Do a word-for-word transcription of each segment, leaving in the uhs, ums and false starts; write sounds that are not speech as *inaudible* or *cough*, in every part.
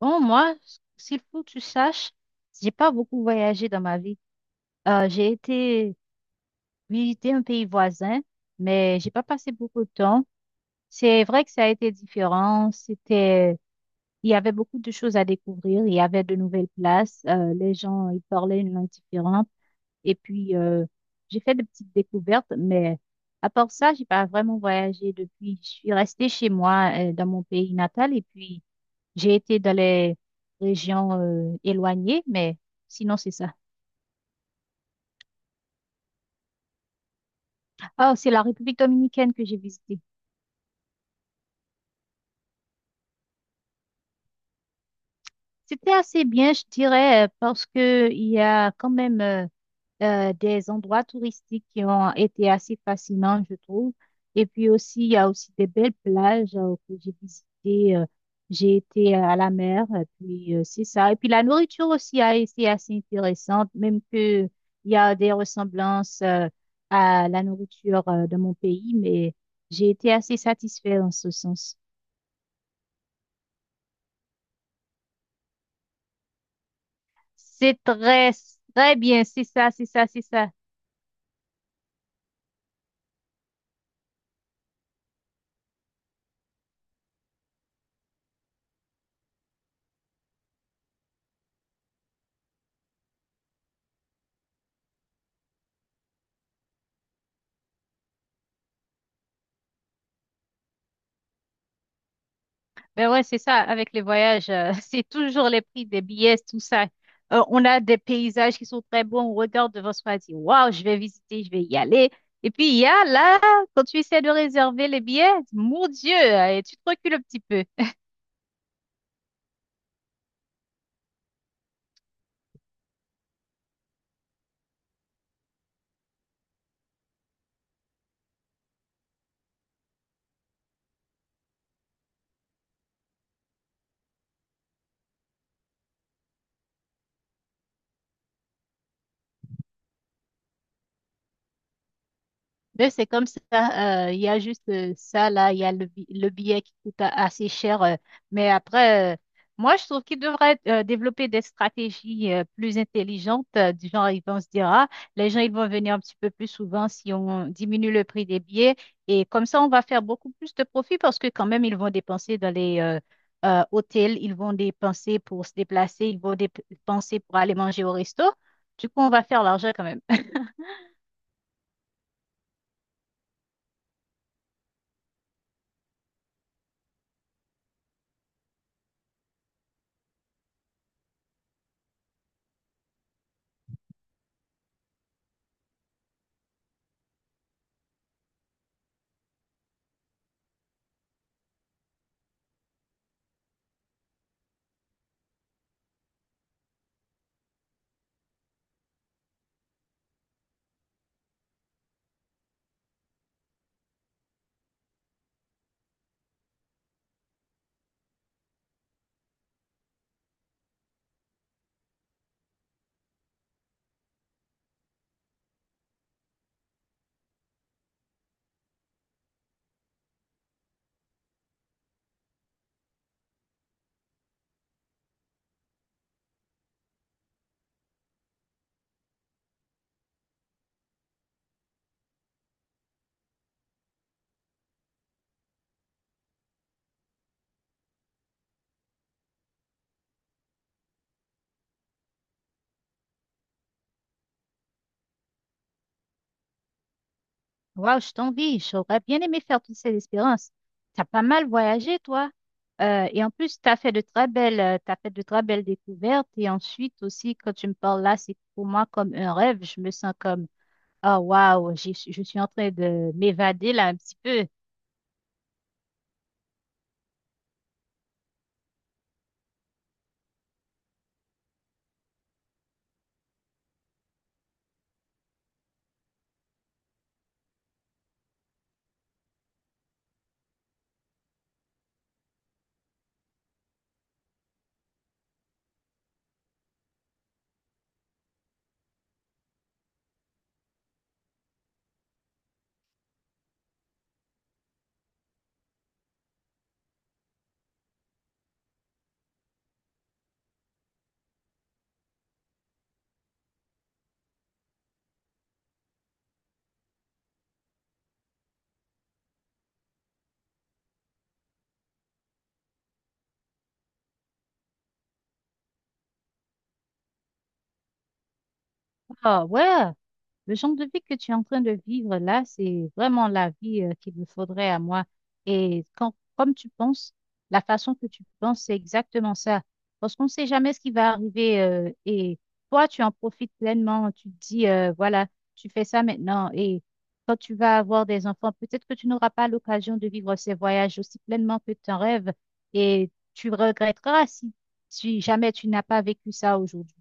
Bon, moi, s'il faut que tu saches, j'ai pas beaucoup voyagé dans ma vie. Euh, j'ai été visiter un pays voisin, mais j'ai pas passé beaucoup de temps. C'est vrai que ça a été différent. C'était, il y avait beaucoup de choses à découvrir. Il y avait de nouvelles places. Euh, les gens, ils parlaient une langue différente. Et puis, euh, j'ai fait de petites découvertes, mais à part ça, j'ai pas vraiment voyagé depuis. Je suis restée chez moi, euh, dans mon pays natal. Et puis, j'ai été dans les régions euh, éloignées, mais sinon c'est ça. Ah, c'est la République dominicaine que j'ai visitée. C'était assez bien, je dirais, euh, parce que il y a quand même euh, euh, des endroits touristiques qui ont été assez fascinants, je trouve. Et puis aussi, il y a aussi des belles plages euh, que j'ai visitées. Euh, j'ai été à la mer, et puis euh, c'est ça. Et puis la nourriture aussi a été assez intéressante, même que il y a des ressemblances euh, à la nourriture euh, de mon pays, mais j'ai été assez satisfaite en ce sens. C'est très, très bien, c'est ça, c'est ça, c'est ça. Ben ouais, c'est ça, avec les voyages, euh, *laughs* c'est toujours les prix des billets, tout ça. Euh, on a des paysages qui sont très beaux, on regarde devant soi, on dit, waouh, je vais visiter, je vais y aller. Et puis, il y a là, quand tu essaies de réserver les billets, mon Dieu, euh, et tu te recules un petit peu. Mais c'est comme ça, euh, il y a juste euh, ça là, il y a le, bi- le billet qui coûte a- assez cher. Euh, mais après, euh, moi, je trouve qu'ils devraient euh, développer des stratégies euh, plus intelligentes, euh, du genre, ils vont se dire, ah, les gens, ils vont venir un petit peu plus souvent si on diminue le prix des billets. Et comme ça, on va faire beaucoup plus de profit parce que quand même, ils vont dépenser dans les euh, euh, hôtels, ils vont dépenser pour se déplacer, ils vont dép- dépenser pour aller manger au resto. Du coup, on va faire l'argent quand même. Waouh, je t'envie. J'aurais bien aimé faire toute cette expérience. T'as pas mal voyagé, toi. Euh, et en plus, t'as fait de très belles, euh, t'as fait de très belles découvertes. Et ensuite aussi, quand tu me parles là, c'est pour moi comme un rêve. Je me sens comme, oh waouh, j'y suis- je suis en train de m'évader là un petit peu. Oh ouais. Le genre de vie que tu es en train de vivre là, c'est vraiment la vie euh, qu'il me faudrait à moi. Et quand, comme tu penses, la façon que tu penses, c'est exactement ça. Parce qu'on ne sait jamais ce qui va arriver. Euh, et toi, tu en profites pleinement. Tu te dis, euh, voilà, tu fais ça maintenant. Et quand tu vas avoir des enfants, peut-être que tu n'auras pas l'occasion de vivre ces voyages aussi pleinement que tu en rêves. Et tu regretteras si, si jamais tu n'as pas vécu ça aujourd'hui.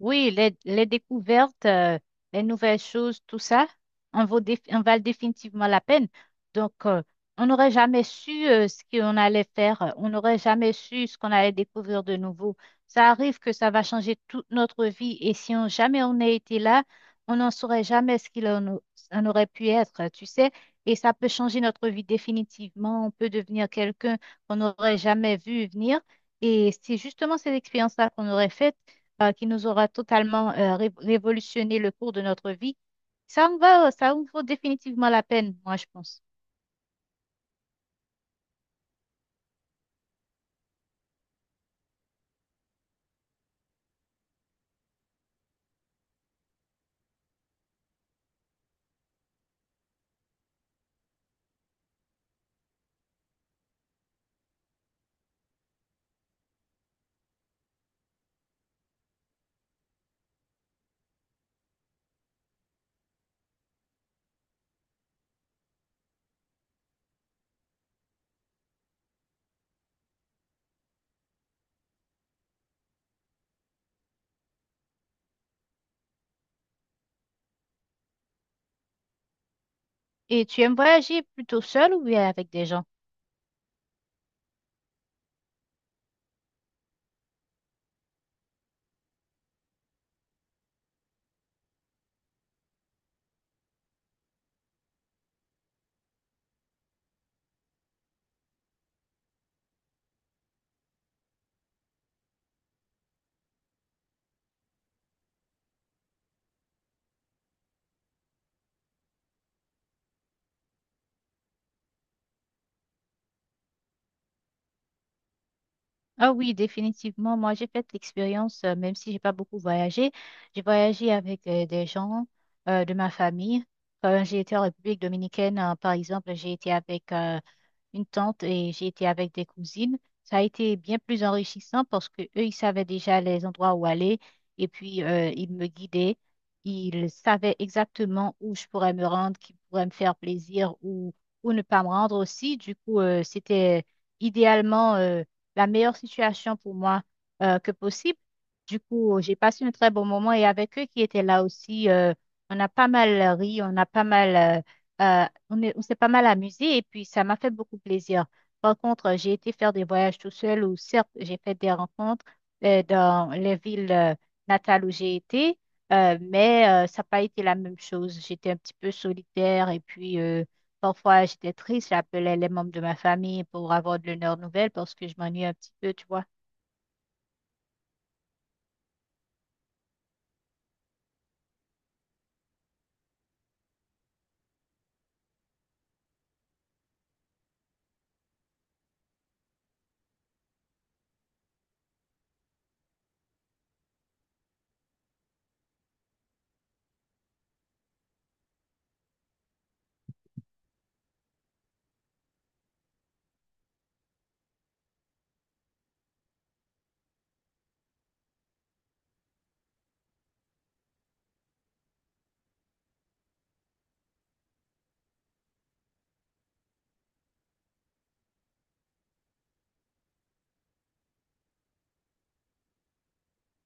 Oui, les, les découvertes, euh, les nouvelles choses, tout ça, en vaut dé- en valent définitivement la peine. Donc, euh, on n'aurait jamais su euh, ce qu'on allait faire, euh, on n'aurait jamais su ce qu'on allait découvrir de nouveau. Ça arrive que ça va changer toute notre vie et si on, jamais on a été là, on n'en saurait jamais ce qu'il en, au- en aurait pu être, tu sais, et ça peut changer notre vie définitivement. On peut devenir quelqu'un qu'on n'aurait jamais vu venir. Et c'est justement ces expériences-là qu'on aurait faites euh, qui nous aura totalement euh, ré- révolutionné le cours de notre vie, ça en va, ça en vaut définitivement la peine, moi, je pense. Et tu aimes voyager plutôt seul ou bien avec des gens? Ah oui, définitivement. Moi, j'ai fait l'expérience, euh, même si j'ai pas beaucoup voyagé, j'ai voyagé avec euh, des gens euh, de ma famille. Quand j'ai été en République dominicaine, euh, par exemple, j'ai été avec euh, une tante et j'ai été avec des cousines. Ça a été bien plus enrichissant parce que eux, ils savaient déjà les endroits où aller et puis euh, ils me guidaient. Ils savaient exactement où je pourrais me rendre, qui pourrait me faire plaisir ou, ou ne pas me rendre aussi. Du coup, euh, c'était idéalement euh, la meilleure situation pour moi euh, que possible. Du coup, j'ai passé un très bon moment et avec eux qui étaient là aussi, euh, on a pas mal ri, on a pas mal. euh, euh, on est- on s'est pas mal amusé et puis ça m'a fait beaucoup plaisir. Par contre, j'ai été faire des voyages tout seul où certes, j'ai fait des rencontres euh, dans les villes euh, natales où j'ai été, euh, mais euh, ça n'a pas été la même chose. J'étais un petit peu solitaire et puis euh, parfois j'étais triste. J'appelais les membres de ma famille pour avoir de l'honneur nouvelle parce que je m'ennuie un petit peu, tu vois.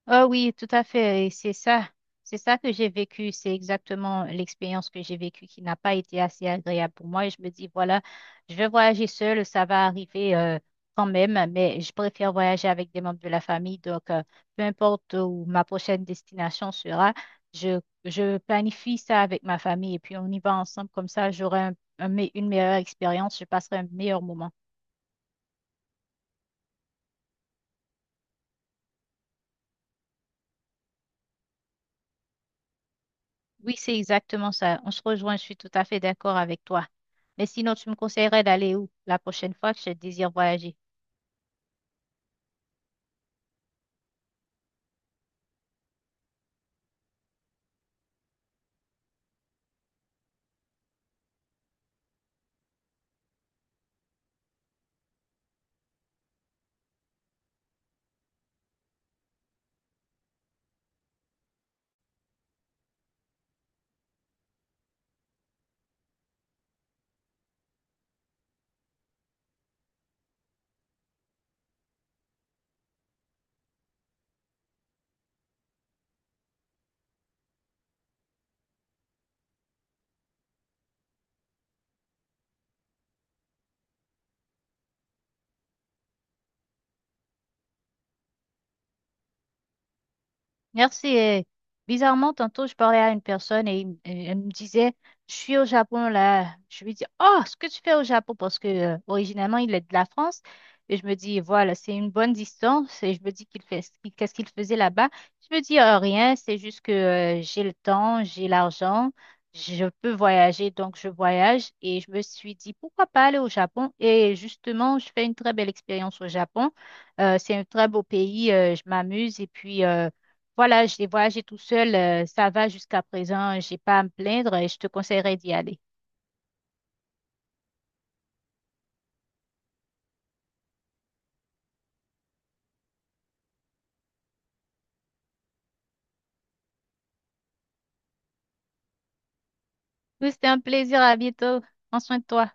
Ah oui, tout à fait. Et c'est ça. C'est ça que j'ai vécu. C'est exactement l'expérience que j'ai vécue qui n'a pas été assez agréable pour moi. Et je me dis, voilà, je vais voyager seule, ça va arriver euh, quand même, mais je préfère voyager avec des membres de la famille. Donc, euh, peu importe où ma prochaine destination sera, je, je planifie ça avec ma famille et puis on y va ensemble. Comme ça, j'aurai un- un me- une meilleure expérience, je passerai un meilleur moment. Oui, c'est exactement ça. On se rejoint, je suis tout à fait d'accord avec toi. Mais sinon, tu me conseillerais d'aller où la prochaine fois que je désire voyager? Merci. Et bizarrement, tantôt, je parlais à une personne et, il et elle me disait, je suis au Japon là. Je lui dis, oh, ce que tu fais au Japon, parce que euh, originalement, il est de la France. Et je me dis, voilà, c'est une bonne distance. Et je me dis qu'il fait, qu'il- qu'est-ce qu'il faisait là-bas? Je me dis, euh, rien, c'est juste que euh, j'ai le temps, j'ai l'argent, je peux voyager, donc je voyage. Et je me suis dit, pourquoi pas aller au Japon? Et justement, je fais une très belle expérience au Japon. Euh, c'est un très beau pays, euh, je m'amuse et puis... euh, voilà, j'ai voyagé tout seul, euh, ça va jusqu'à présent, j'ai pas à me plaindre et je te conseillerais d'y aller. Oui, c'était un plaisir, à bientôt. Prends soin de toi.